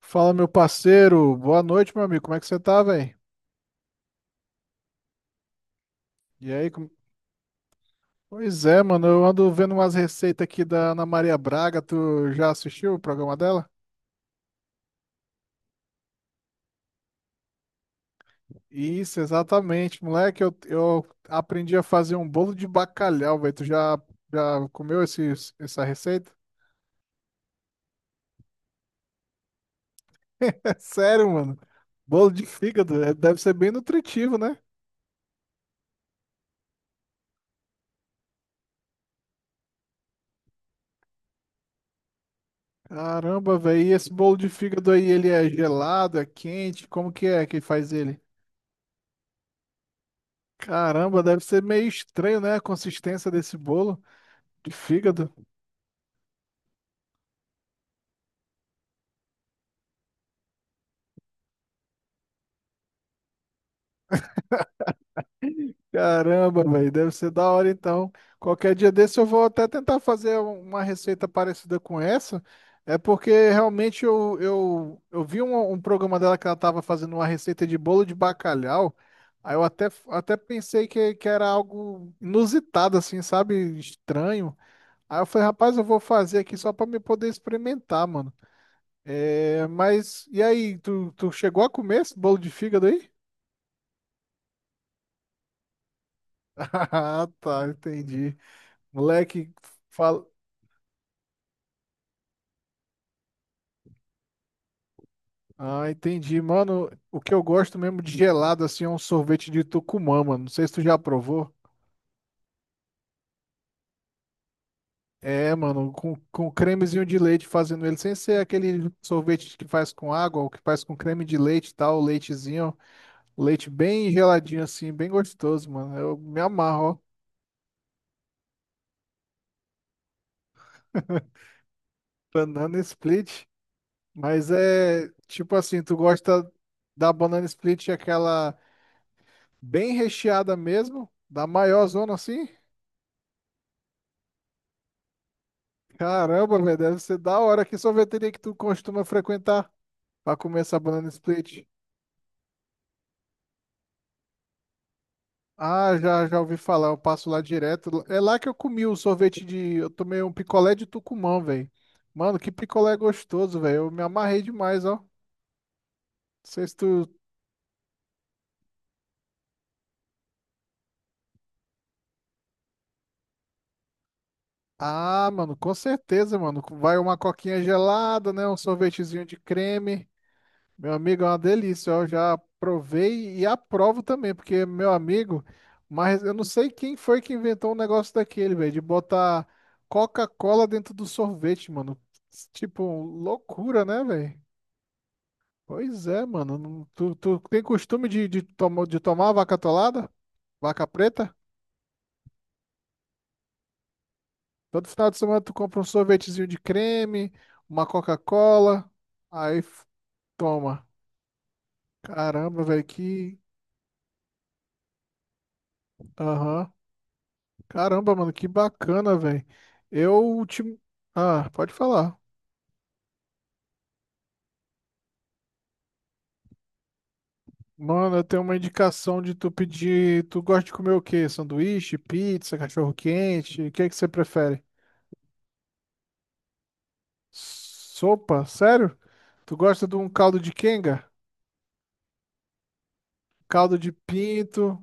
Fala, meu parceiro. Boa noite, meu amigo. Como é que você tá, velho? E aí, como- Pois é, mano. Eu ando vendo umas receitas aqui da Ana Maria Braga. Tu já assistiu o programa dela? Isso, exatamente, moleque. Eu aprendi a fazer um bolo de bacalhau, velho. Tu já comeu essa receita? É sério, mano. Bolo de fígado. Deve ser bem nutritivo, né? Caramba, velho. E esse bolo de fígado aí, ele é gelado, é quente? Como que é que faz ele? Caramba, deve ser meio estranho, né? A consistência desse bolo de fígado. Caramba, velho, deve ser da hora então. Qualquer dia desse eu vou até tentar fazer uma receita parecida com essa. É porque realmente eu vi um programa dela que ela estava fazendo uma receita de bolo de bacalhau. Aí eu até pensei que era algo inusitado, assim, sabe? Estranho. Aí eu falei, rapaz, eu vou fazer aqui só para me poder experimentar, mano. É, mas e aí, tu chegou a comer esse bolo de fígado aí? Ah, tá, entendi. Moleque, fala. Ah, entendi. Mano, o que eu gosto mesmo de gelado assim é um sorvete de Tucumã, mano. Não sei se tu já provou. É, mano, com cremezinho de leite fazendo ele, sem ser aquele sorvete que faz com água, o que faz com creme de leite e tal, leitezinho, leite bem geladinho assim, bem gostoso, mano. Eu me amarro, ó. Banana split. Mas é tipo assim, tu gosta da banana split, aquela bem recheada mesmo, da maior zona assim? Caramba, velho, deve ser da hora. Que sorveteria que tu costuma frequentar pra comer essa banana split? Ah, já, já ouvi falar, eu passo lá direto. É lá que eu comi o sorvete de. Eu tomei um picolé de Tucumã, velho. Mano, que picolé gostoso, velho. Eu me amarrei demais, ó. Não sei se tu. Ah, mano, com certeza, mano. Vai uma coquinha gelada, né? Um sorvetezinho de creme. Meu amigo, é uma delícia. Eu já provei e aprovo também, porque meu amigo, mas eu não sei quem foi que inventou um negócio daquele, velho, de botar Coca-Cola dentro do sorvete, mano. Tipo, loucura, né, velho? Pois é, mano. Tu tem costume de de tomar vaca atolada? Vaca preta? Todo final de semana tu compra um sorvetezinho de creme, uma Coca-Cola, aí f- toma. Caramba, velho, que. Aham. Caramba, mano, que bacana, velho. Eu te. Ah, pode falar. Mano, eu tenho uma indicação de tu pedir. Tu gosta de comer o quê? Sanduíche, pizza, cachorro-quente? O que é que você prefere? Sopa? Sério? Tu gosta de um caldo de quenga? Caldo de pinto?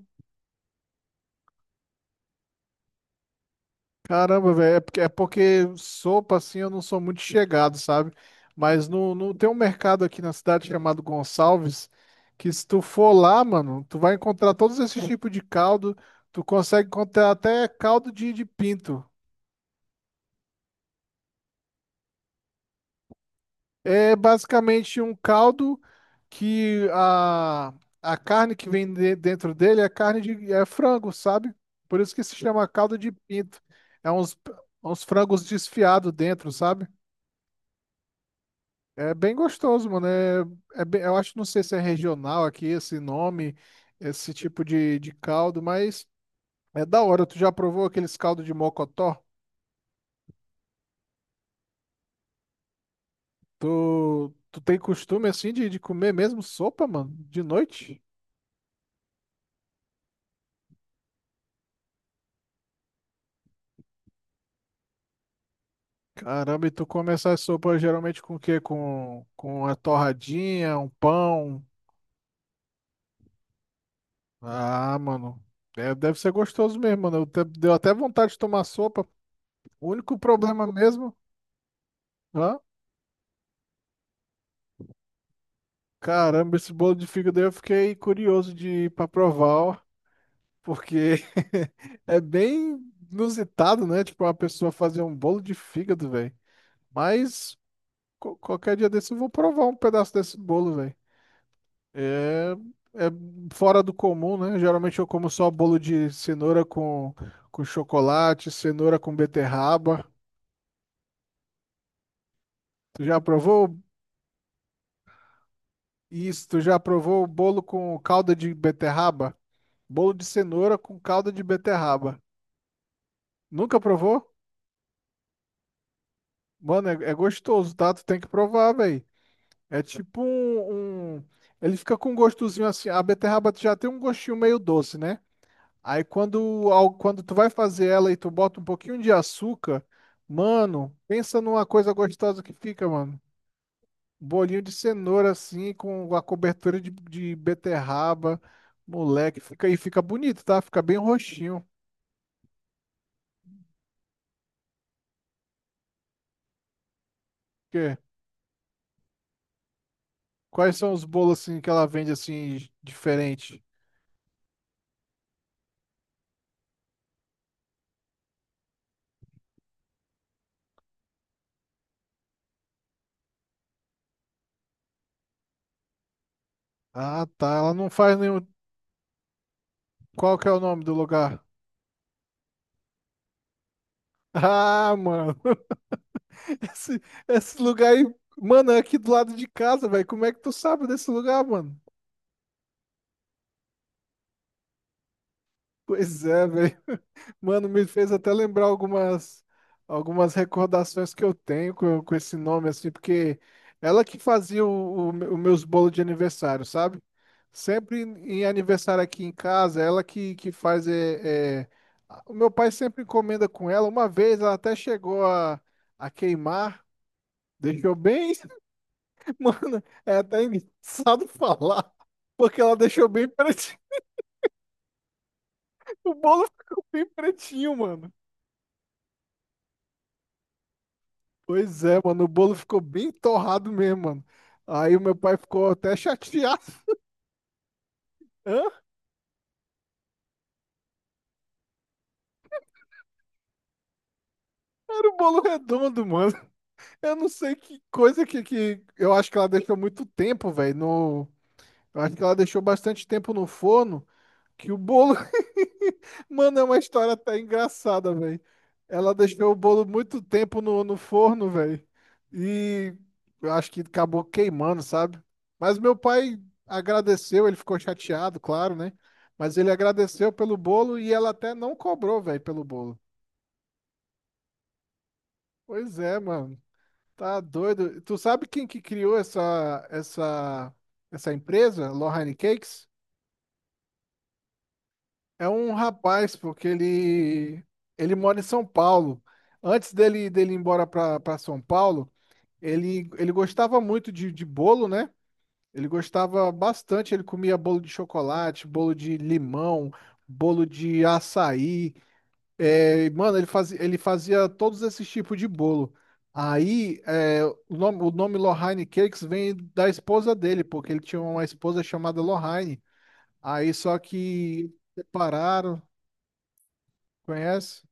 Caramba, velho, é porque sopa assim eu não sou muito chegado, sabe? Mas no, no, tem um mercado aqui na cidade chamado Gonçalves, que se tu for lá, mano, tu vai encontrar todos esses tipos de caldo, tu consegue encontrar até caldo de pinto. É basicamente um caldo que a carne que vem dentro dele é carne de é frango, sabe? Por isso que se chama caldo de pinto. É uns, uns frangos desfiados dentro, sabe? É bem gostoso, mano. Eu acho, não sei se é regional aqui esse nome, esse tipo de caldo, mas é da hora. Tu já provou aqueles caldos de mocotó? Tu tem costume assim de comer mesmo sopa, mano? De noite? Caramba, e tu come essa sopa geralmente com o quê? Com a torradinha, um pão? Ah, mano. É, deve ser gostoso mesmo, mano. Deu até vontade de tomar sopa. O único problema mesmo. Hã? Caramba, esse bolo de fígado aí eu fiquei curioso de ir pra provar, ó, porque é bem inusitado, né? Tipo, uma pessoa fazer um bolo de fígado, velho. Mas qualquer dia desse eu vou provar um pedaço desse bolo, velho. É, é fora do comum, né? Geralmente eu como só bolo de cenoura com chocolate, cenoura com beterraba. Tu já provou isso? Tu já provou o bolo com calda de beterraba? Bolo de cenoura com calda de beterraba. Nunca provou? Mano, é gostoso, tá? Tu tem que provar, velho. É tipo um, um- Ele fica com um gostozinho assim. A beterraba já tem um gostinho meio doce, né? Aí quando, quando tu vai fazer ela e tu bota um pouquinho de açúcar, mano, pensa numa coisa gostosa que fica, mano. Bolinho de cenoura assim, com a cobertura de beterraba. Moleque, fica bonito, tá? Fica bem roxinho. Porque quais são os bolos assim que ela vende assim diferente? Ah, tá. Ela não faz nenhum. Qual que é o nome do lugar? Ah, mano. Esse, esse lugar aí. Mano, é aqui do lado de casa, velho. Como é que tu sabe desse lugar, mano? Pois é, velho. Mano, me fez até lembrar algumas recordações que eu tenho com esse nome, assim, porque ela que fazia os meus bolos de aniversário, sabe? Sempre em aniversário aqui em casa, que faz. O meu pai sempre encomenda com ela. Uma vez ela até chegou a queimar, deixou bem. Mano, é até engraçado falar, porque ela deixou bem pretinho. O bolo ficou bem pretinho, mano. Pois é, mano, o bolo ficou bem torrado mesmo, mano. Aí o meu pai ficou até chateado. Hã? Era um bolo redondo, mano. Eu não sei que coisa que... Eu acho que ela deixou muito tempo, velho. No... Eu acho que ela deixou bastante tempo no forno. Que o bolo. Mano, é uma história até engraçada, velho. Ela deixou o bolo muito tempo no forno, velho. E eu acho que acabou queimando, sabe? Mas meu pai agradeceu, ele ficou chateado, claro, né? Mas ele agradeceu pelo bolo e ela até não cobrou, velho, pelo bolo. Pois é, mano. Tá doido. Tu sabe quem que criou essa essa empresa, Lohane Cakes? É um rapaz, porque ele mora em São Paulo. Antes dele ir embora para São Paulo, ele gostava muito de bolo, né? Ele gostava bastante, ele comia bolo de chocolate, bolo de limão, bolo de açaí. É, mano, ele fazia todos esses tipos de bolo. Aí, o nome Lohane Cakes vem da esposa dele, porque ele tinha uma esposa chamada Lohane. Aí, só que separaram, conhece?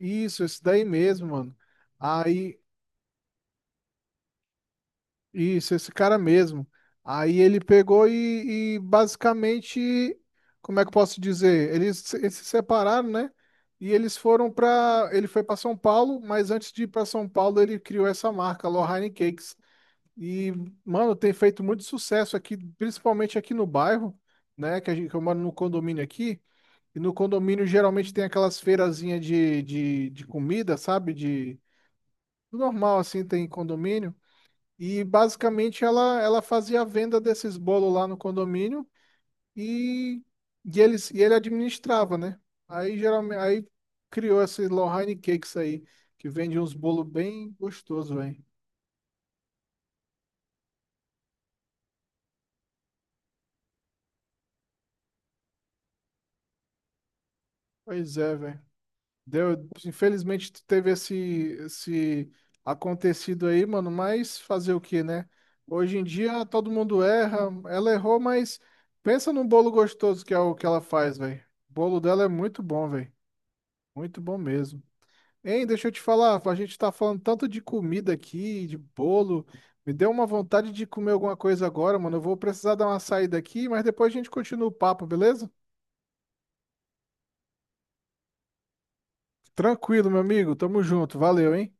Isso, esse daí mesmo, mano. Aí, isso, esse cara mesmo. Aí ele pegou e basicamente, como é que eu posso dizer? Eles se separaram, né? E eles foram pra. Ele foi pra São Paulo, mas antes de ir pra São Paulo, ele criou essa marca, Lohane Cakes. E, mano, tem feito muito sucesso aqui, principalmente aqui no bairro, né? Que eu moro no condomínio aqui. E no condomínio geralmente tem aquelas feirazinhas de comida, sabe? De normal assim tem condomínio e basicamente ela fazia a venda desses bolos lá no condomínio e, e eles e ele administrava, né? Aí geralmente aí criou esses Lohane Cakes aí que vende uns bolos bem gostosos, velho. Pois é, velho. Deu, infelizmente teve esse acontecido aí, mano, mas fazer o que, né? Hoje em dia todo mundo erra, ela errou, mas pensa num bolo gostoso que é o que ela faz, velho. O bolo dela é muito bom, velho. Muito bom mesmo. Hein, deixa eu te falar, a gente tá falando tanto de comida aqui, de bolo. Me deu uma vontade de comer alguma coisa agora, mano. Eu vou precisar dar uma saída aqui, mas depois a gente continua o papo, beleza? Tranquilo, meu amigo. Tamo junto. Valeu, hein?